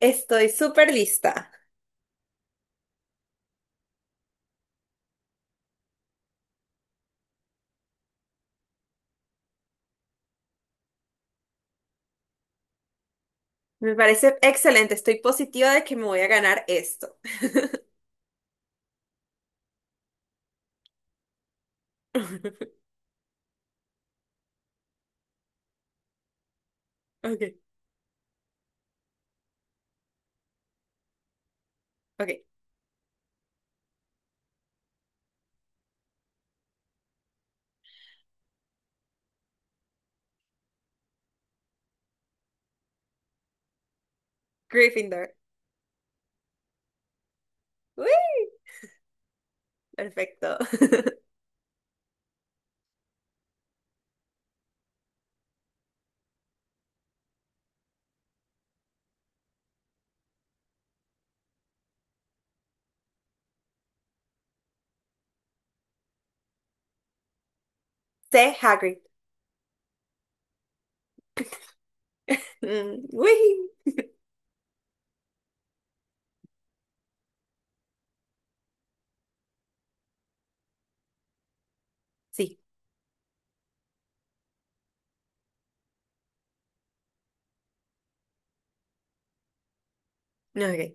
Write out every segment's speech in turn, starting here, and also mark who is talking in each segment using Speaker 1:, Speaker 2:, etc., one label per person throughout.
Speaker 1: Estoy súper lista. Me parece excelente. Estoy positiva de que me voy a ganar esto. Ok, ok. Gryffindor. Uy, perfecto. C, Hagrid. Mm, uy. Sí, no, ok.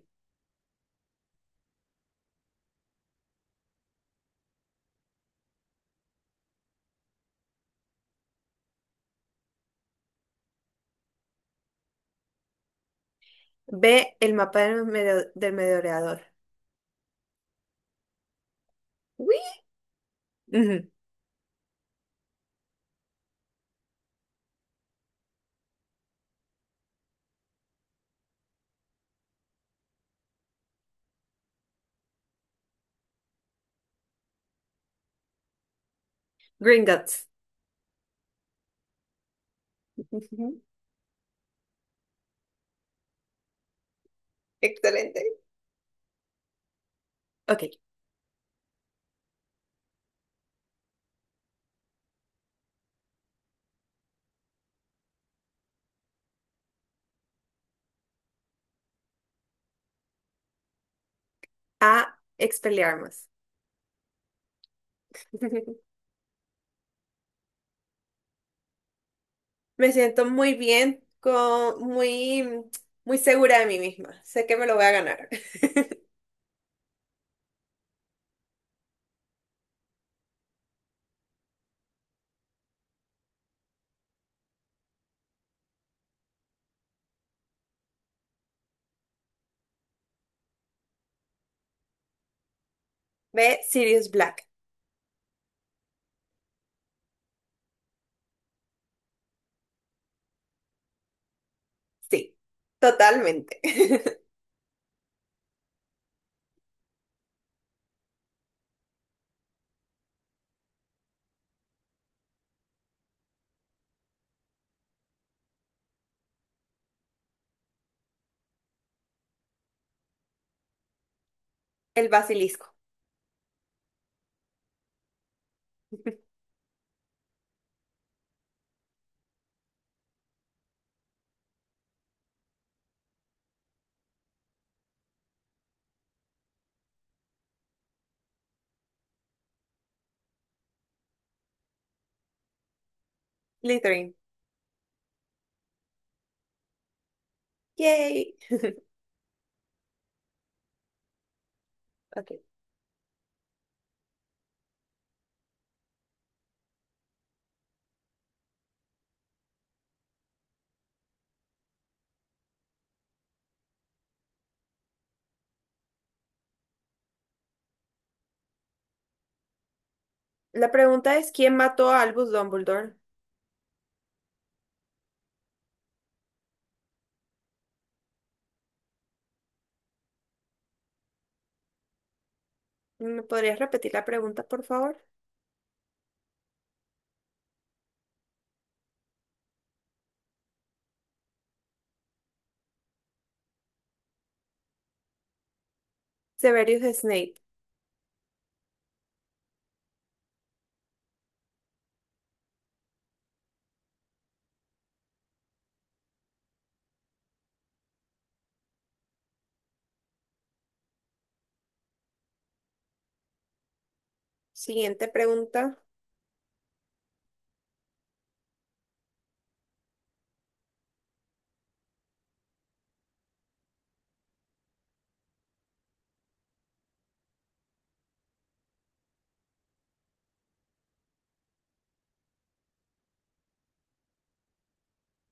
Speaker 1: B, el mapa del, del merodeador. Uy. Ujú. Gringotts. Ujú. Excelente. Ok. A, Expelliarmus. Me siento muy bien, con, muy, muy segura de mí misma. Sé que me lo voy a ganar. B, Sirius Black. Sí, totalmente. El basilisco. Slytherin. Yay. Ok. La pregunta es, ¿quién mató a Albus Dumbledore? ¿Me podrías repetir la pregunta, por favor? Severus Snape. Siguiente pregunta.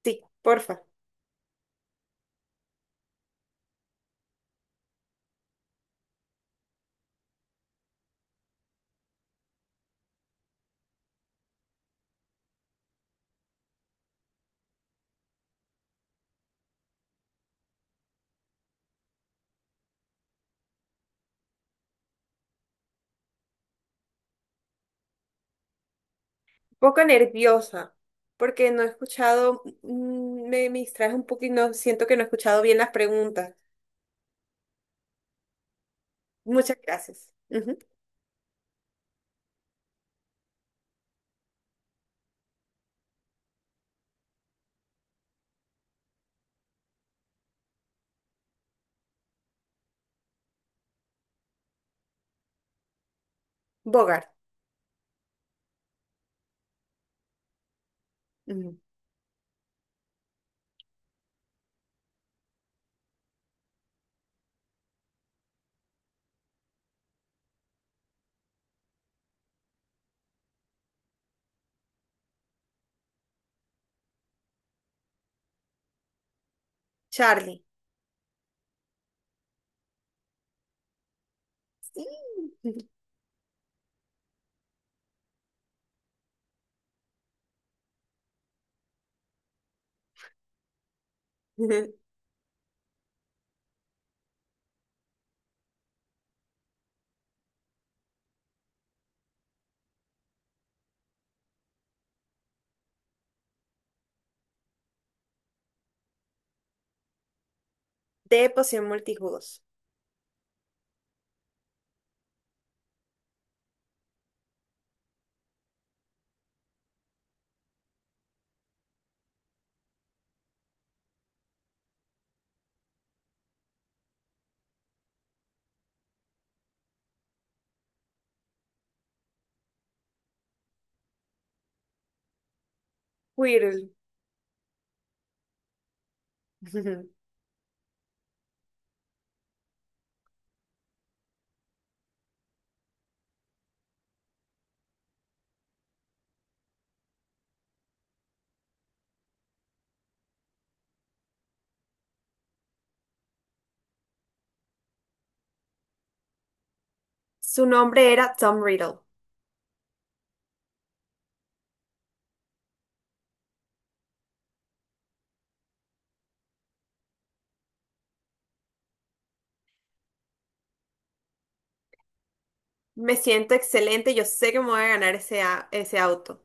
Speaker 1: Sí, porfa. Un poco nerviosa, porque no he escuchado, me distraes un poco y no siento que no he escuchado bien las preguntas. Muchas gracias. Ujú. Bogart. Ujú. Charlie. Sí. De poción multijugos. Quirrell. Ujú. Su nombre era Tom Riddle. Me siento excelente, yo sé que me voy a ganar ese, ese auto.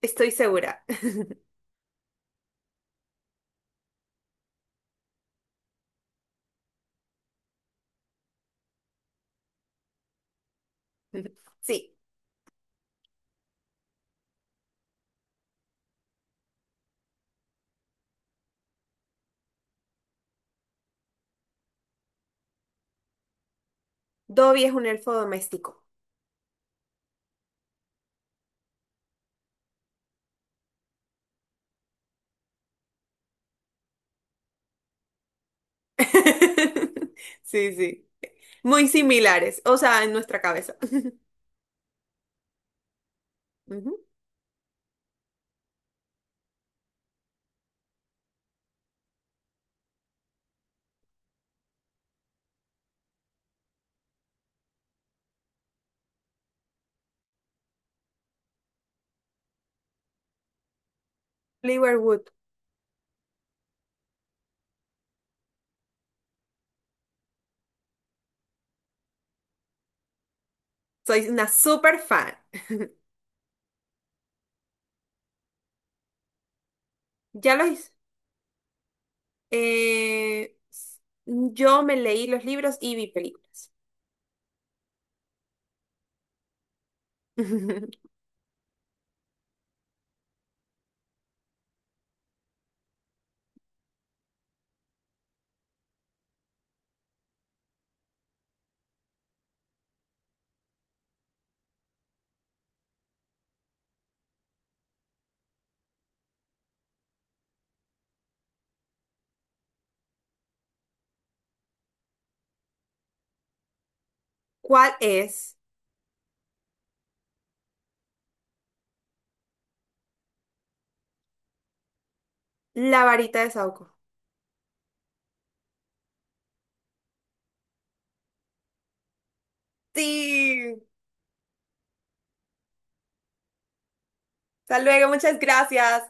Speaker 1: Estoy segura. Sí, Dobby es un elfo doméstico. Sí, sí. Muy similares, o sea, en nuestra cabeza. Ujú. Oliver Wood, soy una super fan. Ya lo hice. Eh, yo me leí los libros y vi películas. ¿Cuál es la varita de Sauco? Sí. Hasta luego, muchas gracias.